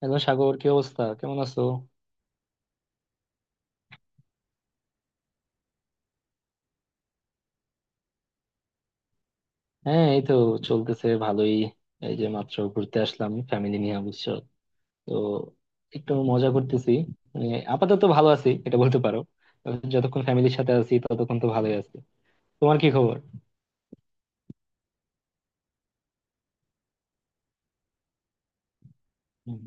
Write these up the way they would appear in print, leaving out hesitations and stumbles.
Hello Sagar, কি অবস্থা, কেমন আছো? হ্যাঁ এই তো চলতেছে ভালোই। এই যে মাত্র ঘুরতে আসলাম ফ্যামিলি নিয়ে বুঝছো। তো একটু মজা করতেছি, মানে আপাতত ভালো আছি এটা বলতে পারো। যতক্ষণ ফ্যামিলির সাথে আছি ততক্ষণ তো ভালোই আছি। তোমার কি খবর? হুম।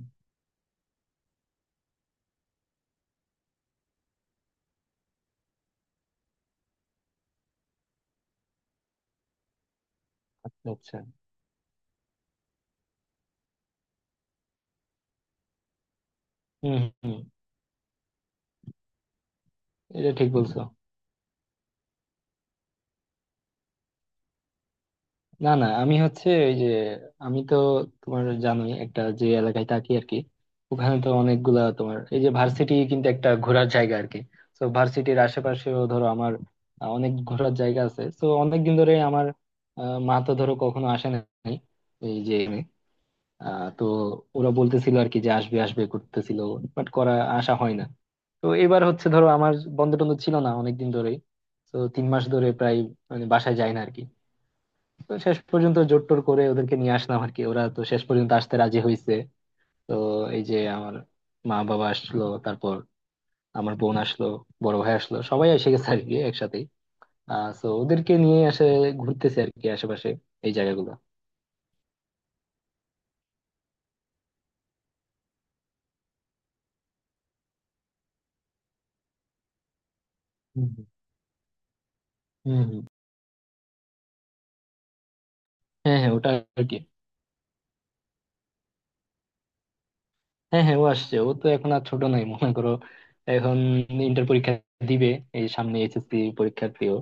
আচ্ছা আচ্ছা। হম হম। এটা ঠিক বলছো। না না, আমি হচ্ছে ওই যে, আমি তো তোমার জানোই একটা যে এলাকায় থাকি আর কি। ওখানে তো অনেকগুলা তোমার এই যে ভার্সিটি কিন্তু একটা ঘোরার জায়গা আর কি। তো ভার্সিটির আশেপাশেও ধরো আমার অনেক ঘোরার জায়গা আছে, তো অনেকদিন ধরে আমার মা তো ধরো কখনো আসে নাই। এই যে তো ওরা বলতেছিল আর কি যে আসবে আসবে করতেছিল, বাট করা আসা হয় না। তো এবার হচ্ছে ধরো আমার বন্ধ টন্ধ ছিল না অনেকদিন ধরেই, তো 3 মাস ধরে প্রায় মানে বাসায় যায় না আরকি। তো শেষ পর্যন্ত জোর টোর করে ওদেরকে নিয়ে আসলাম আর কি, ওরা তো শেষ পর্যন্ত আসতে রাজি হয়েছে। তো এই যে আমার মা বাবা আসলো, তারপর আমার বোন আসলো, বড় ভাই আসলো, সবাই এসে গেছে আর কি একসাথে। তো ওদেরকে নিয়ে এসে ঘুরতেছে আর কি আশেপাশে এই জায়গাগুলো। হুম হুম হুম হুম। হ্যাঁ হ্যাঁ ওটা আর কি। হ্যাঁ হ্যাঁ ও আসছে, ও তো এখন আর ছোট নাই মনে করো। এখন ইন্টার পরীক্ষা দিবে, এই সামনে এইচএসসি পরীক্ষার্থীও।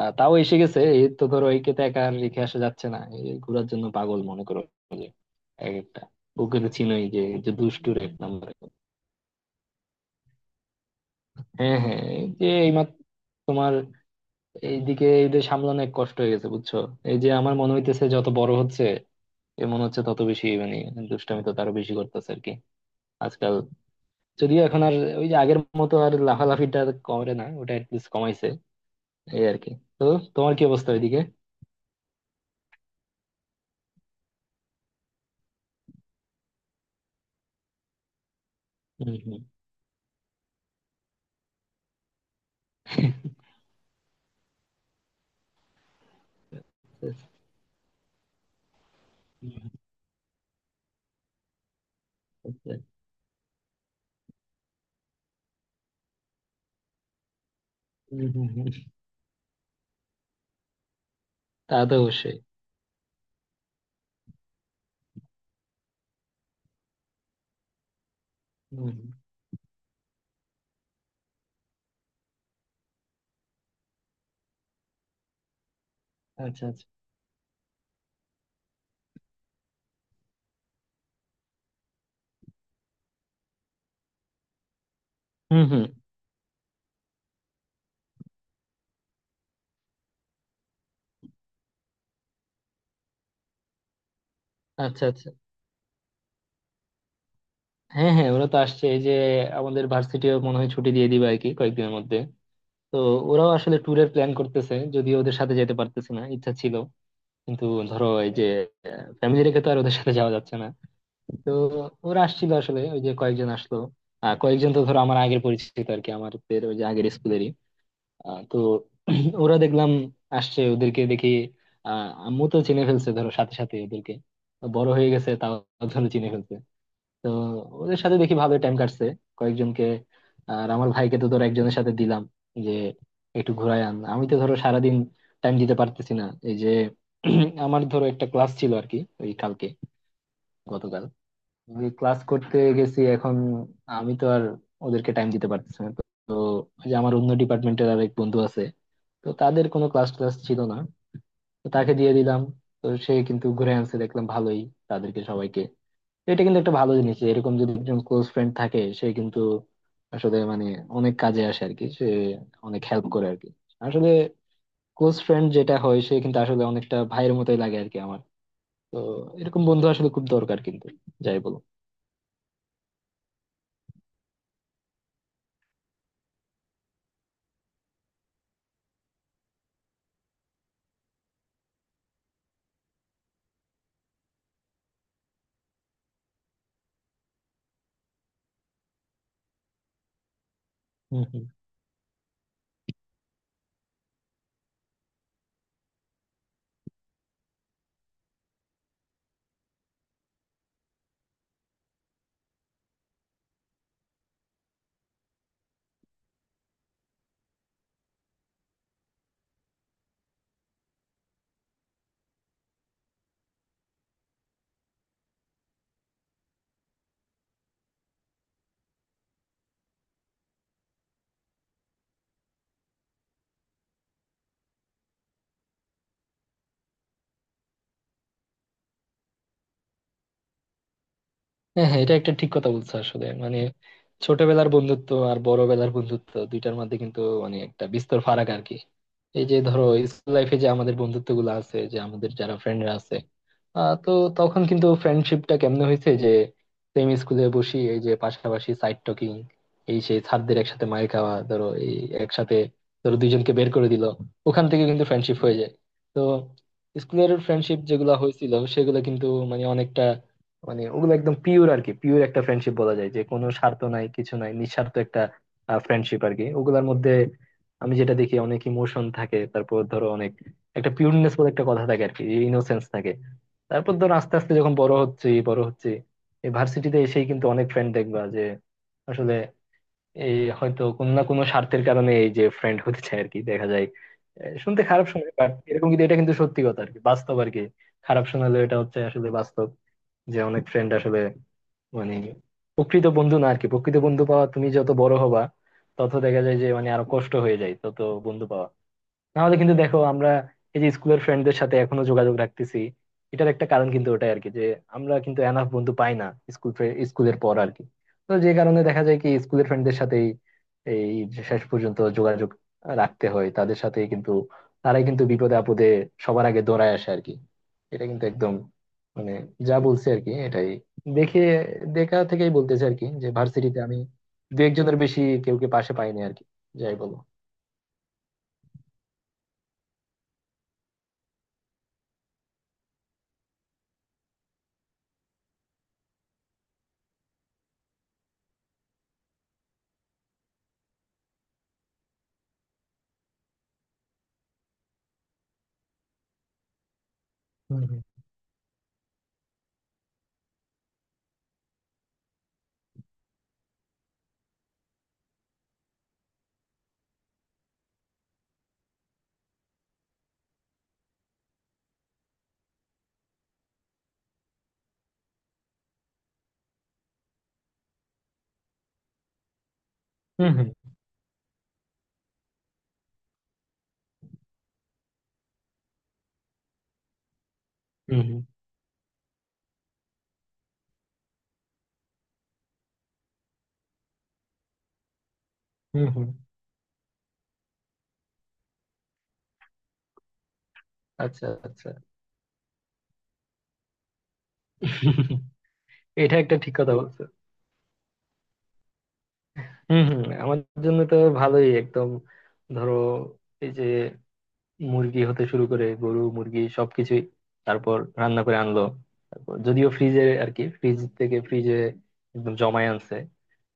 তাও এসে গেছে এই তো ধরো, একে তো একা আর রেখে আসা যাচ্ছে না, এই ঘোরার জন্য পাগল মনে করো। যে এক একটা, ওকে তো চিনোই যে, যে দুষ্টুর এক নম্বর। হ্যাঁ হ্যাঁ এই যে এইমাত্র তোমার এইদিকে এদের সামলানো এক কষ্ট হয়ে গেছে বুঝছো। এই যে আমার মনে হইতেছে যত বড় হচ্ছে এ মনে হচ্ছে তত বেশি, মানে দুষ্টামি তো তারও বেশি করতেছে আর কি আজকাল। যদিও এখন আর ওই যে আগের মতো আর লাফালাফিটা আর কমে না, ওটা অ্যাটলিস্ট কমাইছে এই আর কি। তো তোমার কি অবস্থা ওইদিকে? হুম হুম। আচ্ছা। হুম, হুম, হুম। তা তো অবশ্যই। হুম, হুম। আচ্ছা আচ্ছা। হুম হুম। আচ্ছা আচ্ছা। হ্যাঁ হ্যাঁ ওরা তো আসছে, এই যে আমাদের ভার্সিটিও মনে হয় ছুটি দিয়ে দিবে আর কি কয়েকদিনের মধ্যে। তো ওরাও আসলে ট্যুরের প্ল্যান করতেছে, যদিও ওদের সাথে যেতে পারতেছে না, ইচ্ছা ছিল কিন্তু ধরো এই যে ফ্যামিলি রেখে তো আর ওদের সাথে যাওয়া যাচ্ছে না। তো ওরা আসছিল আসলে, ওই যে কয়েকজন আসলো। কয়েকজন তো ধরো আমার আগের পরিচিত আর কি, আমাদের ওই যে আগের স্কুলেরই। তো ওরা দেখলাম আসছে, ওদেরকে দেখি আম্মু তো চিনে ফেলছে ধরো সাথে সাথে ওদেরকে। বড় হয়ে গেছে তাও ধরো চিনে ফেলছে। তো ওদের সাথে দেখি ভালোই টাইম কাটছে কয়েকজনকে। আর আমার ভাইকে তো ধরো একজনের সাথে দিলাম যে একটু ঘুরাই আন, আমি তো ধরো সারাদিন টাইম দিতে পারতেছি না এই যে। আমার ধরো একটা ক্লাস ছিল আর কি ওই কালকে, গতকাল আমি ক্লাস করতে গেছি, এখন আমি তো আর ওদেরকে টাইম দিতে পারতেছি না তো। তো ওই যে আমার অন্য ডিপার্টমেন্টের আর এক বন্ধু আছে, তো তাদের কোনো ক্লাস ক্লাস ছিল না, তো তাকে দিয়ে দিলাম। তো সে কিন্তু ঘুরে আনছে দেখলাম ভালোই তাদেরকে সবাইকে। তো এটা কিন্তু একটা ভালো জিনিস যে এরকম যদি একজন ক্লোজ ফ্রেন্ড থাকে সে কিন্তু আসলে মানে অনেক কাজে আসে আর কি সে, অনেক হেল্প করে আর কি আসলে। ক্লোজ ফ্রেন্ড যেটা হয় সে কিন্তু আসলে অনেকটা ভাইয়ের মতোই লাগে আর কি আমার। তো এরকম বন্ধু আসলে খুব দরকার কিন্তু, যাই বলো। হ্যাঁ হ্যাঁ এটা একটা ঠিক কথা বলছো, আসলে মানে ছোটবেলার বন্ধুত্ব আর বড়বেলার বন্ধুত্ব দুইটার মধ্যে কিন্তু মানে একটা বিস্তর ফারাক আর কি। এই যে ধরো স্কুল লাইফে যে আমাদের বন্ধুত্ব গুলো আছে যে আমাদের যারা ফ্রেন্ডরা আছে তো তখন কিন্তু ফ্রেন্ডশিপটা কেমনে হয়েছে যে সেম স্কুলে বসি, এই যে পাশাপাশি সাইড টকিং, এই সেই ছাত্রদের একসাথে মাইর খাওয়া ধরো, এই একসাথে ধরো দুইজনকে বের করে দিল, ওখান থেকে কিন্তু ফ্রেন্ডশিপ হয়ে যায়। তো স্কুলের ফ্রেন্ডশিপ যেগুলো হয়েছিল সেগুলো কিন্তু মানে অনেকটা, মানে ওগুলো একদম পিওর আর কি, পিওর একটা ফ্রেন্ডশিপ বলা যায়, যে কোনো স্বার্থ নাই কিছু নাই, নিঃস্বার্থ একটা ফ্রেন্ডশিপ আর কি ওগুলোর মধ্যে। আমি যেটা দেখি অনেক ইমোশন থাকে, তারপর ধরো অনেক একটা পিওরনেস বলে একটা কথা থাকে আর কি, ইনোসেন্স থাকে। তারপর ধরো আস্তে আস্তে যখন বড় হচ্ছে বড় হচ্ছে, এই ভার্সিটিতে এসেই কিন্তু অনেক ফ্রেন্ড দেখবা যে আসলে এই হয়তো কোনো না কোনো স্বার্থের কারণে এই যে ফ্রেন্ড হতে চায় আর কি দেখা যায়। শুনতে খারাপ শোনায় বাট এরকম কিন্তু, এটা কিন্তু সত্যি কথা আর কি, বাস্তব আর কি। খারাপ শোনালেও এটা হচ্ছে আসলে বাস্তব, যে অনেক ফ্রেন্ড আসলে মানে প্রকৃত বন্ধু না আর কি। প্রকৃত বন্ধু পাওয়া, তুমি যত বড় হবা তত দেখা যায় যে মানে আরো কষ্ট হয়ে যায় তত বন্ধু পাওয়া। নাহলে কিন্তু দেখো আমরা এই যে স্কুলের ফ্রেন্ডদের সাথে এখনো যোগাযোগ রাখতেছি, এটার একটা কারণ কিন্তু ওটাই আর কি, যে আমরা কিন্তু এনাফ বন্ধু পাই না স্কুলের পর আর কি। তো যে কারণে দেখা যায় কি স্কুলের ফ্রেন্ডদের সাথেই এই যে শেষ পর্যন্ত যোগাযোগ রাখতে হয় তাদের সাথে, কিন্তু তারাই কিন্তু বিপদে আপদে সবার আগে দৌড়ায় আসে আর কি। এটা কিন্তু একদম মানে যা বলছে আর কি এটাই, দেখে দেখা থেকেই বলতেছে আর কি, যে ভার্সিটিতে আমি দু একজনের বেশি কেউকে পাশে পাইনি আর কি, যাই বলো। হুম হুম হুম হুম। হম হম। আচ্ছা আচ্ছা। এটা একটা ঠিক কথা বলছো। হম হম, আমার জন্য তো ভালোই একদম ধরো, এই যে মুরগি হতে শুরু করে গরু মুরগি সবকিছুই, তারপর রান্না করে আনলো, তারপর যদিও ফ্রিজে আর কি ফ্রিজ থেকে ফ্রিজে একদম জমায় আনছে।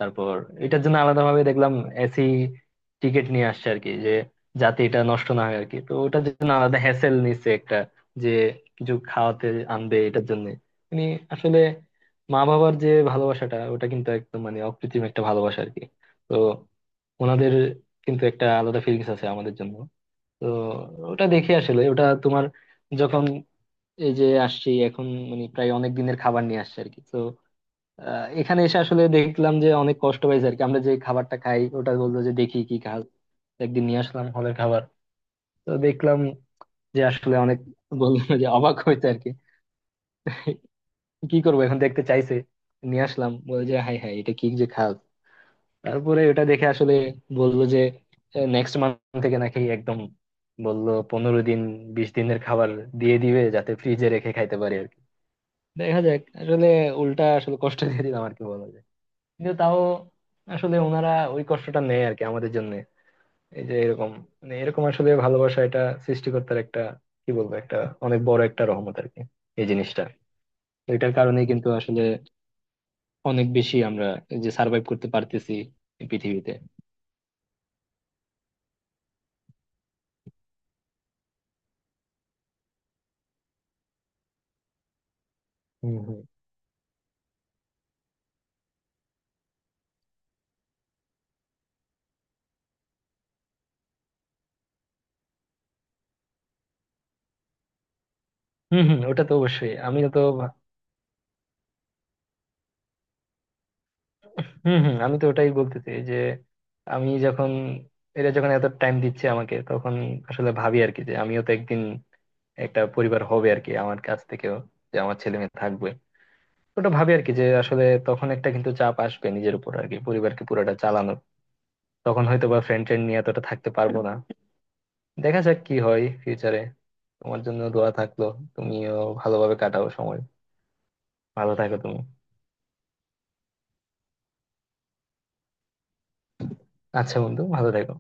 তারপর এটার জন্য আলাদা ভাবে দেখলাম এসি টিকিট নিয়ে আসছে আর কি, যে যাতে এটা নষ্ট না হয় আর কি, তো ওটার জন্য আলাদা হ্যাসেল নিচ্ছে একটা, যে কিছু খাওয়াতে আনবে এটার জন্য। মানে আসলে মা বাবার যে ভালোবাসাটা ওটা কিন্তু একদম মানে অকৃত্রিম একটা ভালোবাসা আর কি। তো ওনাদের কিন্তু একটা আলাদা ফিলিংস আছে আমাদের জন্য। তো ওটা দেখে আসলে, ওটা তোমার যখন এই যে আসছি এখন মানে প্রায় অনেক দিনের খাবার নিয়ে আসছে আর কি তো, এখানে এসে আসলে দেখলাম যে অনেক কষ্ট পাইছে আর কি, আমরা যে খাবারটা খাই ওটা বললো যে দেখি কি খাল, একদিন নিয়ে আসলাম হলের খাবার। তো দেখলাম যে আসলে অনেক, বললো যে অবাক হয়েছে আর কি, কি করবো এখন দেখতে চাইছে। নিয়ে আসলাম বলে যে হাই হাই এটা কি যে খাল। তারপরে ওটা দেখে আসলে বললো যে নেক্সট মান্থ থেকে নাকি একদম, বললো 15 দিন 20 দিনের খাবার দিয়ে দিবে যাতে ফ্রিজে রেখে খাইতে পারি আর কি। দেখা যাক আসলে। উল্টা আসলে কষ্ট দিয়ে দিলাম আর কি বলা যায়, কিন্তু তাও আসলে ওনারা ওই কষ্টটা নেয় আর কি আমাদের জন্য। এই যে এরকম, মানে এরকম আসলে ভালোবাসা, এটা সৃষ্টিকর্তার একটা কি বলবো একটা অনেক বড় একটা রহমত আর কি এই জিনিসটা। তো এটার কারণেই কিন্তু আসলে অনেক বেশি আমরা এই যে সার্ভাইভ করতে পারতেছি এই পৃথিবীতে। হম হম হম, ওটা তো অবশ্যই, আমি তো হম হম। আমি তো ওটাই বলতেছি যে আমি যখন, এরা যখন এত টাইম দিচ্ছে আমাকে তখন আসলে ভাবি আর কি, যে আমিও তো একদিন একটা পরিবার হবে আর কি আমার কাছ থেকেও, যে আমার ছেলে মেয়ে থাকবে। ওটা ভাবি আর কি যে আসলে তখন একটা কিন্তু চাপ আসবে নিজের উপর আর কি পরিবারকে পুরোটা চালানোর। তখন হয়তো বা ফ্রেন্ড ট্রেন্ড নিয়ে এতটা থাকতে পারবো না। দেখা যাক কি হয় ফিউচারে। তোমার জন্য দোয়া থাকলো, তুমিও ভালোভাবে কাটাও সময়, ভালো থাকো তুমি। আচ্ছা বন্ধু, ভালো থাকো।